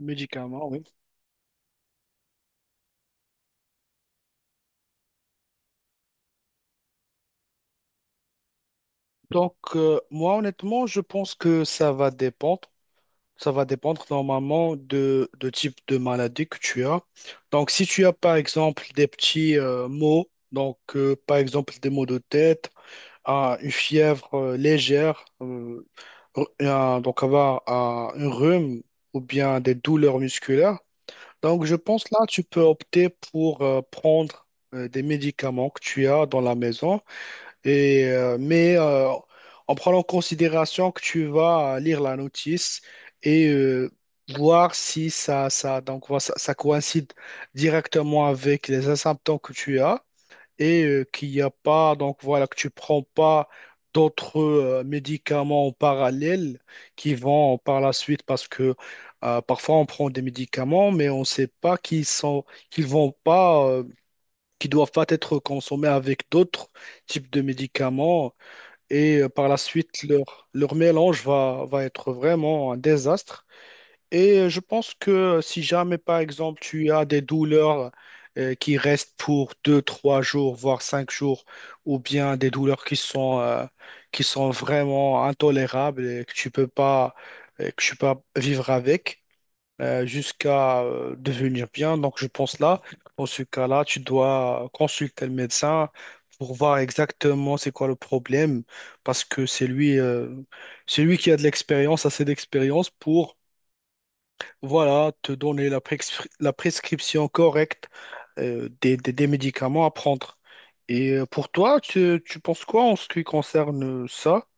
Médicaments, oui. Donc, moi, honnêtement, je pense que ça va dépendre. Ça va dépendre normalement de type de maladie que tu as. Donc, si tu as, par exemple, des petits maux, donc, par exemple, des maux de tête, ah, une fièvre légère, un- donc avoir ah, un rhume ou bien des douleurs musculaires. Donc, je pense là, tu peux opter pour prendre des médicaments que tu as dans la maison. Et, mais en prenant en considération que tu vas lire la notice et voir si ça, donc, voilà, ça coïncide directement avec les symptômes que tu as et qu'il n'y a pas, donc voilà, que tu prends pas d'autres médicaments en parallèle qui vont par la suite, parce que parfois on prend des médicaments mais on ne sait pas qu'ils sont, qu'ils vont pas. Qui doivent pas être consommés avec d'autres types de médicaments. Et par la suite, leur mélange va être vraiment un désastre. Et je pense que si jamais, par exemple, tu as des douleurs qui restent pour deux, trois jours, voire 5 jours, ou bien des douleurs qui sont, qui sont vraiment intolérables et que tu peux pas, que tu peux pas vivre avec, jusqu'à devenir bien. Donc, je pense là, dans ce cas-là, tu dois consulter le médecin pour voir exactement c'est quoi le problème, parce que c'est lui, c'est lui qui a de l'expérience, assez d'expérience pour, voilà, te donner la prescription correcte des médicaments à prendre. Et pour toi, tu penses quoi en ce qui concerne ça?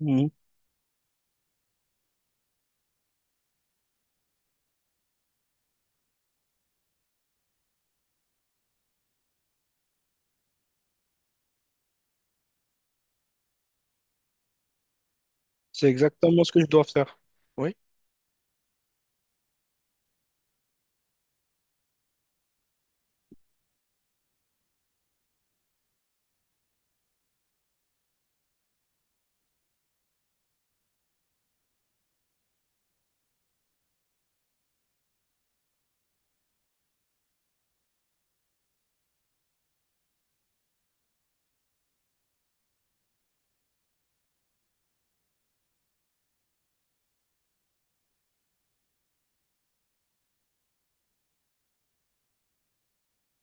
Mhm. C'est exactement ce que je dois faire. Oui.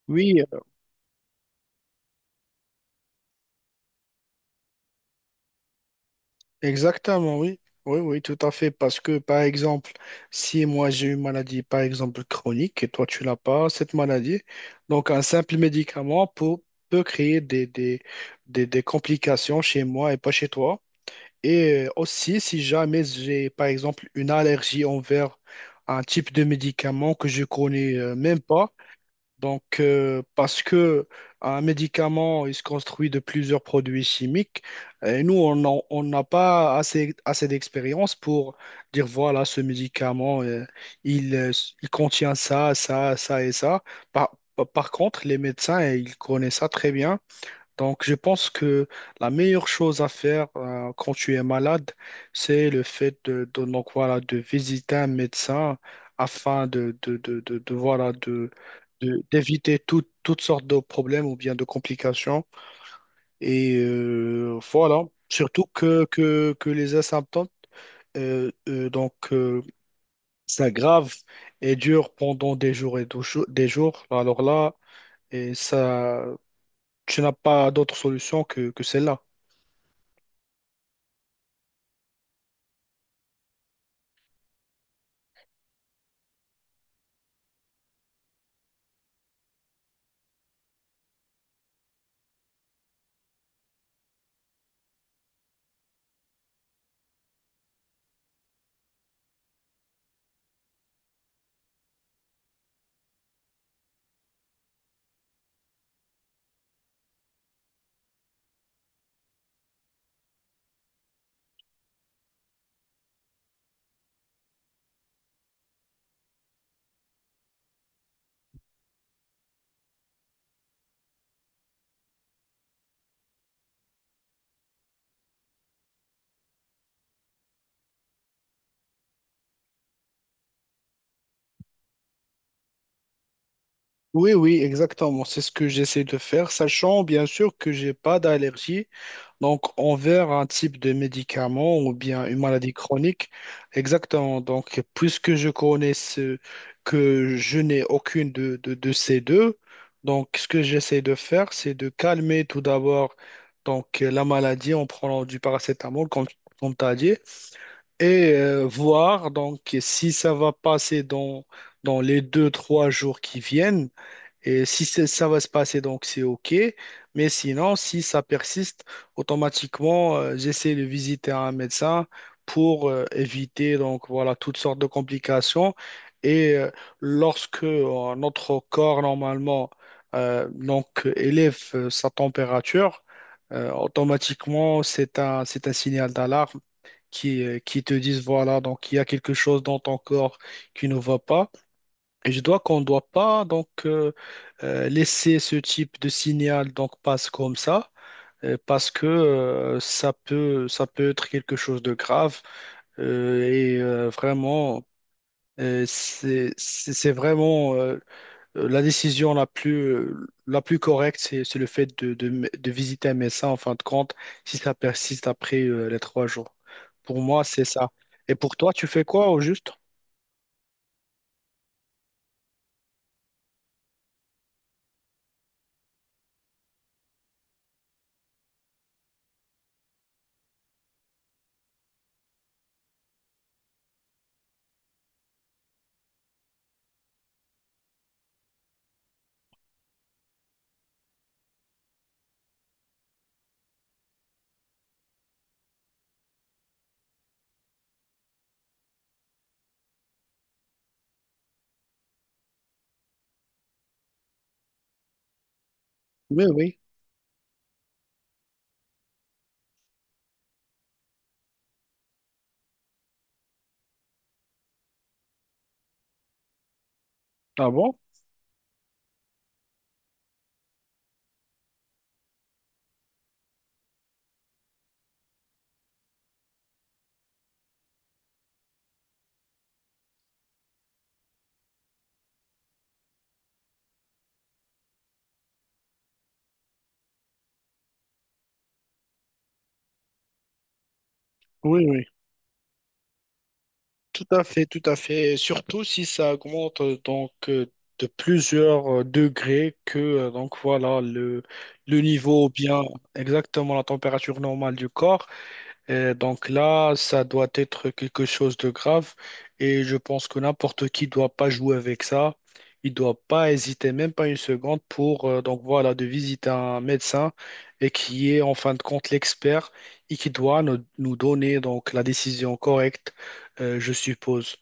Oui, exactement, oui. Oui, oui, tout à fait. Parce que, par exemple, si moi j'ai une maladie, par exemple, chronique, et toi tu n'as pas cette maladie, donc un simple médicament peut créer des complications chez moi et pas chez toi. Et aussi, si jamais j'ai, par exemple, une allergie envers un type de médicament que je connais même pas, donc, parce que un médicament, il se construit de plusieurs produits chimiques, et nous, on n'a pas assez d'expérience pour dire, voilà, ce médicament, il, euh, il contient ça, ça, ça et ça. Par, par contre, les médecins, ils connaissent ça très bien. Donc, je pense que la meilleure chose à faire quand tu es malade, c'est le fait de, donc, voilà, de visiter un médecin afin de, d'éviter toutes sortes de problèmes ou bien de complications. Et voilà, surtout que les asymptômes donc s'aggrave et dure pendant des jours et des jours. Des jours. Alors là, et ça, tu n'as pas d'autre solution que celle-là. Oui, oui, exactement. C'est ce que j'essaie de faire, sachant bien sûr que j'ai pas d'allergie, donc envers un type de médicament ou bien une maladie chronique. Exactement. Donc, puisque je connais ce, que je n'ai aucune de ces deux, donc ce que j'essaie de faire, c'est de calmer tout d'abord donc la maladie en prenant du paracétamol, comme tu as dit, et voir donc si ça va passer dans les deux, trois jours qui viennent. Et si ça va se passer, donc c'est OK. Mais sinon, si ça persiste, automatiquement, j'essaie de visiter un médecin pour éviter donc voilà toutes sortes de complications. Et lorsque notre corps normalement donc élève sa température, automatiquement c'est un signal d'alarme qui te dit voilà, donc il y a quelque chose dans ton corps qui ne va pas. Et je dois qu'on ne doit pas donc laisser ce type de signal donc passe comme ça, parce que ça peut être quelque chose de grave, et vraiment c'est vraiment la décision la plus correcte C'est le fait de visiter un médecin en fin de compte si ça persiste après les 3 jours. Pour moi c'est ça. Et pour toi tu fais quoi au juste? Oui, oui. Ah bon? Oui, oui. Tout à fait, tout à fait. Surtout si ça augmente donc de plusieurs degrés que donc voilà le niveau ou bien exactement la température normale du corps. Et donc là, ça doit être quelque chose de grave et je pense que n'importe qui doit pas jouer avec ça. Il doit pas hésiter même pas une seconde pour donc voilà de visiter un médecin, et qui est en fin de compte l'expert et qui doit nous donner donc la décision correcte, je suppose.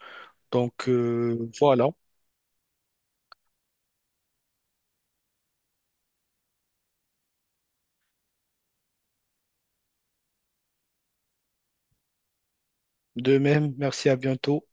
Donc voilà. De même, merci, à bientôt.